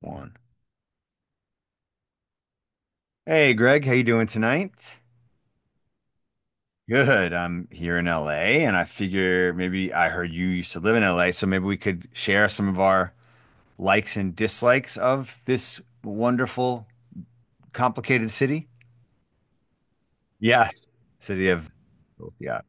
One. Hey Greg, how you doing tonight? Good. I'm here in LA and I figure maybe I heard you used to live in LA, so maybe we could share some of our likes and dislikes of this wonderful, complicated city. Yes. City of yeah.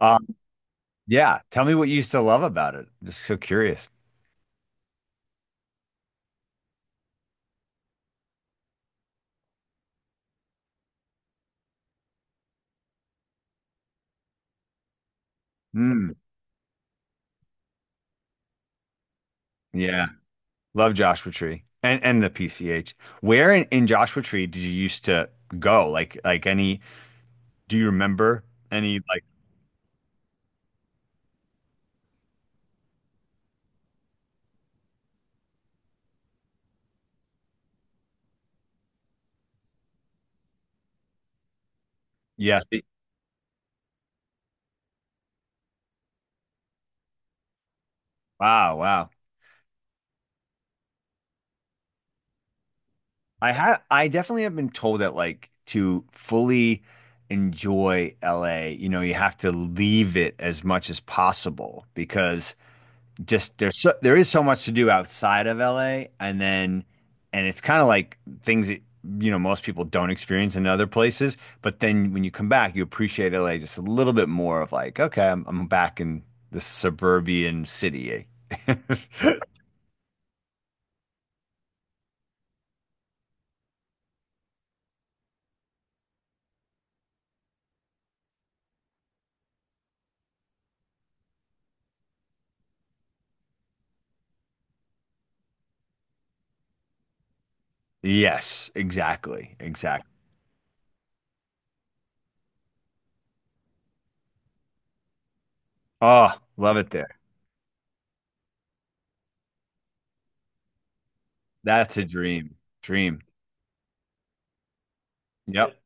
Um, yeah. Tell me what you used to love about it. Just so curious. Mm, yeah. Love Joshua Tree and the PCH. Where in Joshua Tree did you used to go? Like any, do you remember any like. Yeah. It- wow, wow. I definitely have been told that, like, to fully enjoy LA, you know, you have to leave it as much as possible because there is so much to do outside of LA, and then and it's kind of like things that, you know, most people don't experience in other places, but then when you come back, you appreciate LA just a little bit more of like, okay, I'm back in the suburban city. Yes, exactly. Exactly. Oh, love it there. That's a dream. Dream. Yep.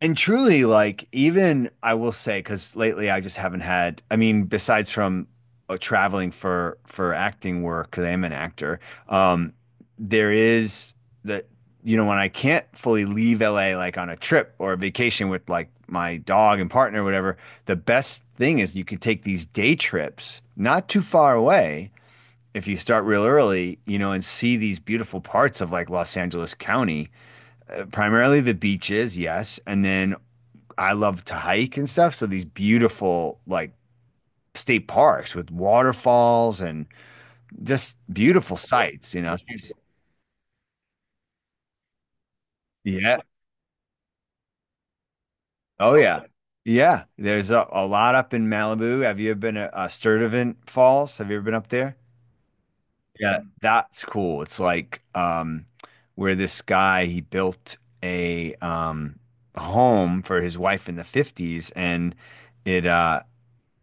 And truly, like, even I will say, because lately I just haven't had, I mean, besides from traveling for acting work, because I am an actor, um, there is that, you know, when I can't fully leave LA like on a trip or a vacation with like my dog and partner or whatever, the best thing is you could take these day trips not too far away if you start real early, you know, and see these beautiful parts of like Los Angeles County, primarily the beaches, yes, and then I love to hike and stuff, so these beautiful like state parks with waterfalls and just beautiful sights, you know. Yeah. Oh yeah. Yeah, there's a lot up in Malibu. Have you ever been to Sturtevant Falls? Have you ever been up there? Yeah, that's cool. It's like, where this guy, he built a, home for his wife in the 50s, and it uh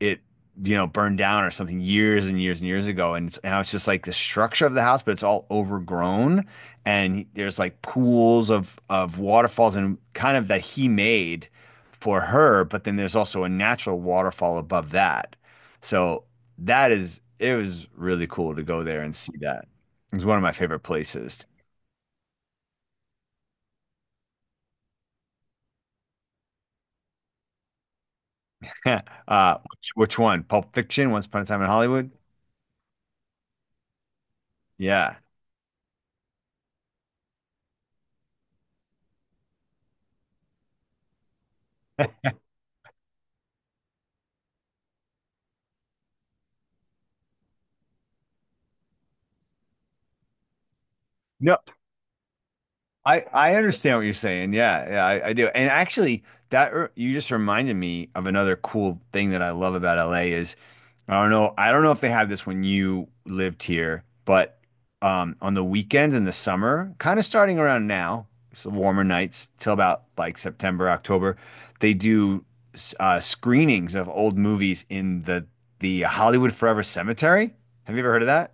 it you know, burned down or something years and years and years ago, and now it's just like the structure of the house, but it's all overgrown, and there's like pools of waterfalls and kind of that he made for her, but then there's also a natural waterfall above that. So that is, it was really cool to go there and see that. It was one of my favorite places. Uh, which one? Pulp Fiction? Once Upon a Time in Hollywood? Yeah. No, I understand what you're saying. Yeah, yeah, I do. And actually, you just reminded me of another cool thing that I love about LA is, I don't know if they have this when you lived here, but on the weekends in the summer, kind of starting around now, so warmer nights till about like September, October, they do screenings of old movies in the Hollywood Forever Cemetery. Have you ever heard of that?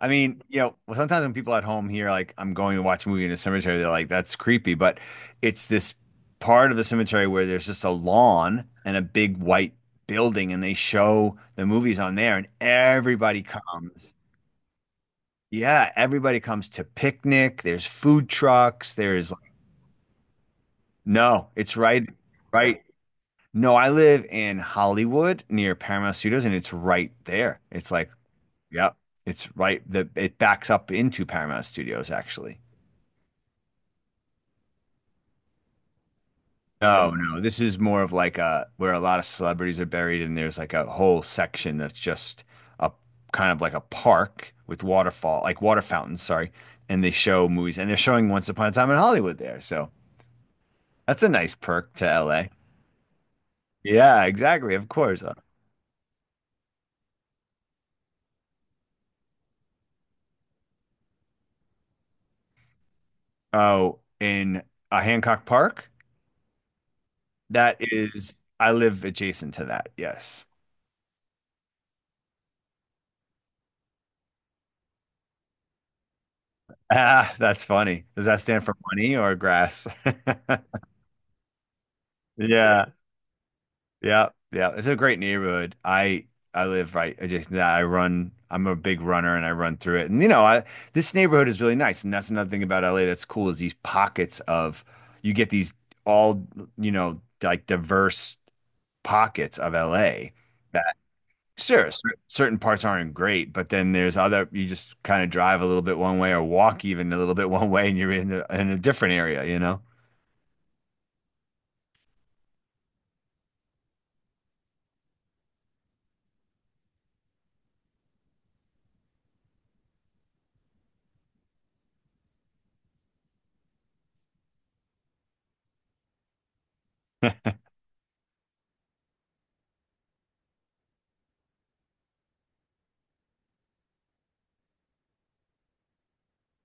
I mean, you know, well, sometimes when people at home hear like I'm going to watch a movie in a cemetery, they're like, "That's creepy." But it's this part of the cemetery where there's just a lawn and a big white building, and they show the movies on there, and everybody comes. Yeah, everybody comes to picnic. There's food trucks. There's like, no, it's right, right. No, I live in Hollywood near Paramount Studios, and it's right there. It's like, yep, it's right. The It backs up into Paramount Studios actually. No, no. This is more of like a, where a lot of celebrities are buried, and there's like a whole section that's just a, kind of like a park with waterfall, like water fountains, sorry. And they show movies, and they're showing Once Upon a Time in Hollywood there. So that's a nice perk to LA. Yeah, exactly. Of course. Oh, in Hancock Park? That is, I live adjacent to that. Yes. Ah, that's funny. Does that stand for money or grass? Yeah. Yeah, yeah. It's a great neighborhood. I live right adjacent to that. I run. I'm a big runner and I run through it. And you know, I, this neighborhood is really nice. And that's another thing about LA that's cool, is these pockets of, you get these all, you know, like diverse pockets of LA that, sure, certain parts aren't great, but then there's other, you just kind of drive a little bit one way or walk even a little bit one way and you're in in a different area, you know?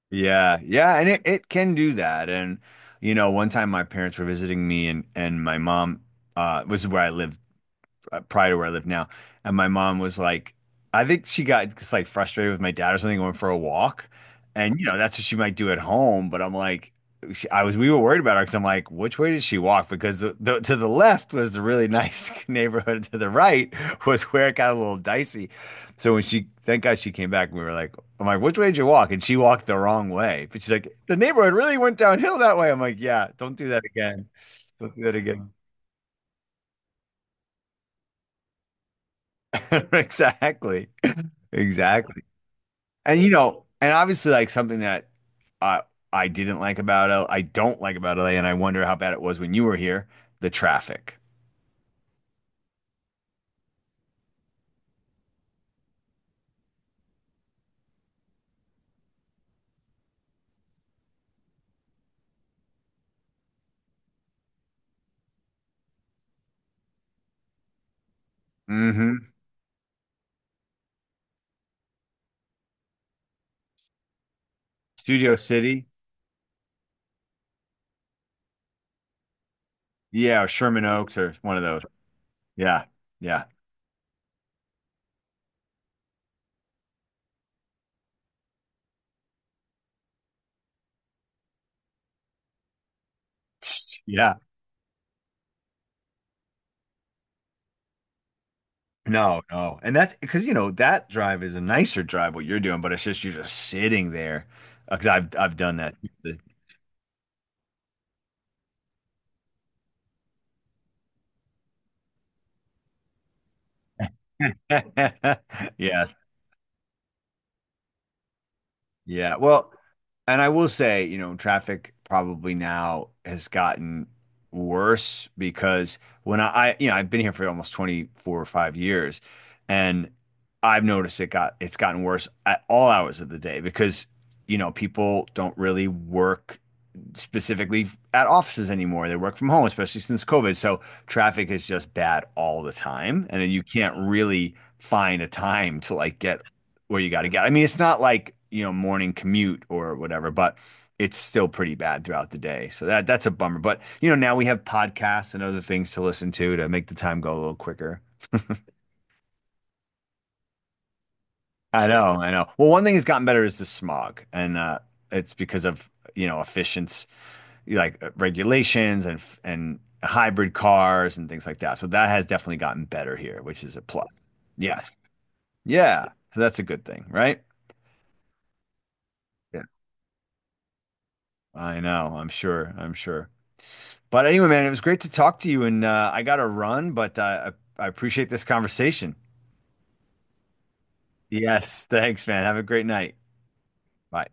Yeah, yeah, and it can do that. And you know, one time my parents were visiting me, and my mom was where I lived, prior to where I live now. And my mom was like, I think she got just like frustrated with my dad or something, went for a walk. And, you know, that's what she might do at home. But I'm like, she, I was, we were worried about her because I'm like, which way did she walk? Because the to the left was the really nice neighborhood, to the right was where it got a little dicey. So when she, thank God she came back, and we were like, I'm like, which way did you walk? And she walked the wrong way. But she's like, the neighborhood really went downhill that way. I'm like, yeah, don't do that again. Don't do that again. Exactly. Exactly. And you know, and obviously, like, something that I I don't like about LA, and I wonder how bad it was when you were here, the traffic. Hmm. Studio City. Yeah, or Sherman Oaks or one of those. Yeah. Yeah. Yeah. No, no. And that's because, you know, that drive is a nicer drive what you're doing, but it's just, you're just sitting there. Because I've done that. Yeah. Yeah. Well, and I will say, you know, traffic probably now has gotten worse, because when you know, I've been here for almost 24 or 5 years, and I've noticed it got, it's gotten worse at all hours of the day, because, you know, people don't really work specifically at offices anymore. They work from home, especially since COVID. So traffic is just bad all the time. And you can't really find a time to like get where you got to get. I mean, it's not like, you know, morning commute or whatever, but it's still pretty bad throughout the day. So that's a bummer. But, you know, now we have podcasts and other things to listen to make the time go a little quicker. I know, I know. Well, one thing that's gotten better is the smog. And it's because of, you know, efficient, like, regulations and hybrid cars and things like that. So that has definitely gotten better here, which is a plus. Yes. Yeah. So that's a good thing, right? Yeah. I know. I'm sure. I'm sure. But anyway, man, it was great to talk to you, and I got to run, but I appreciate this conversation. Yes. Thanks, man. Have a great night. Bye.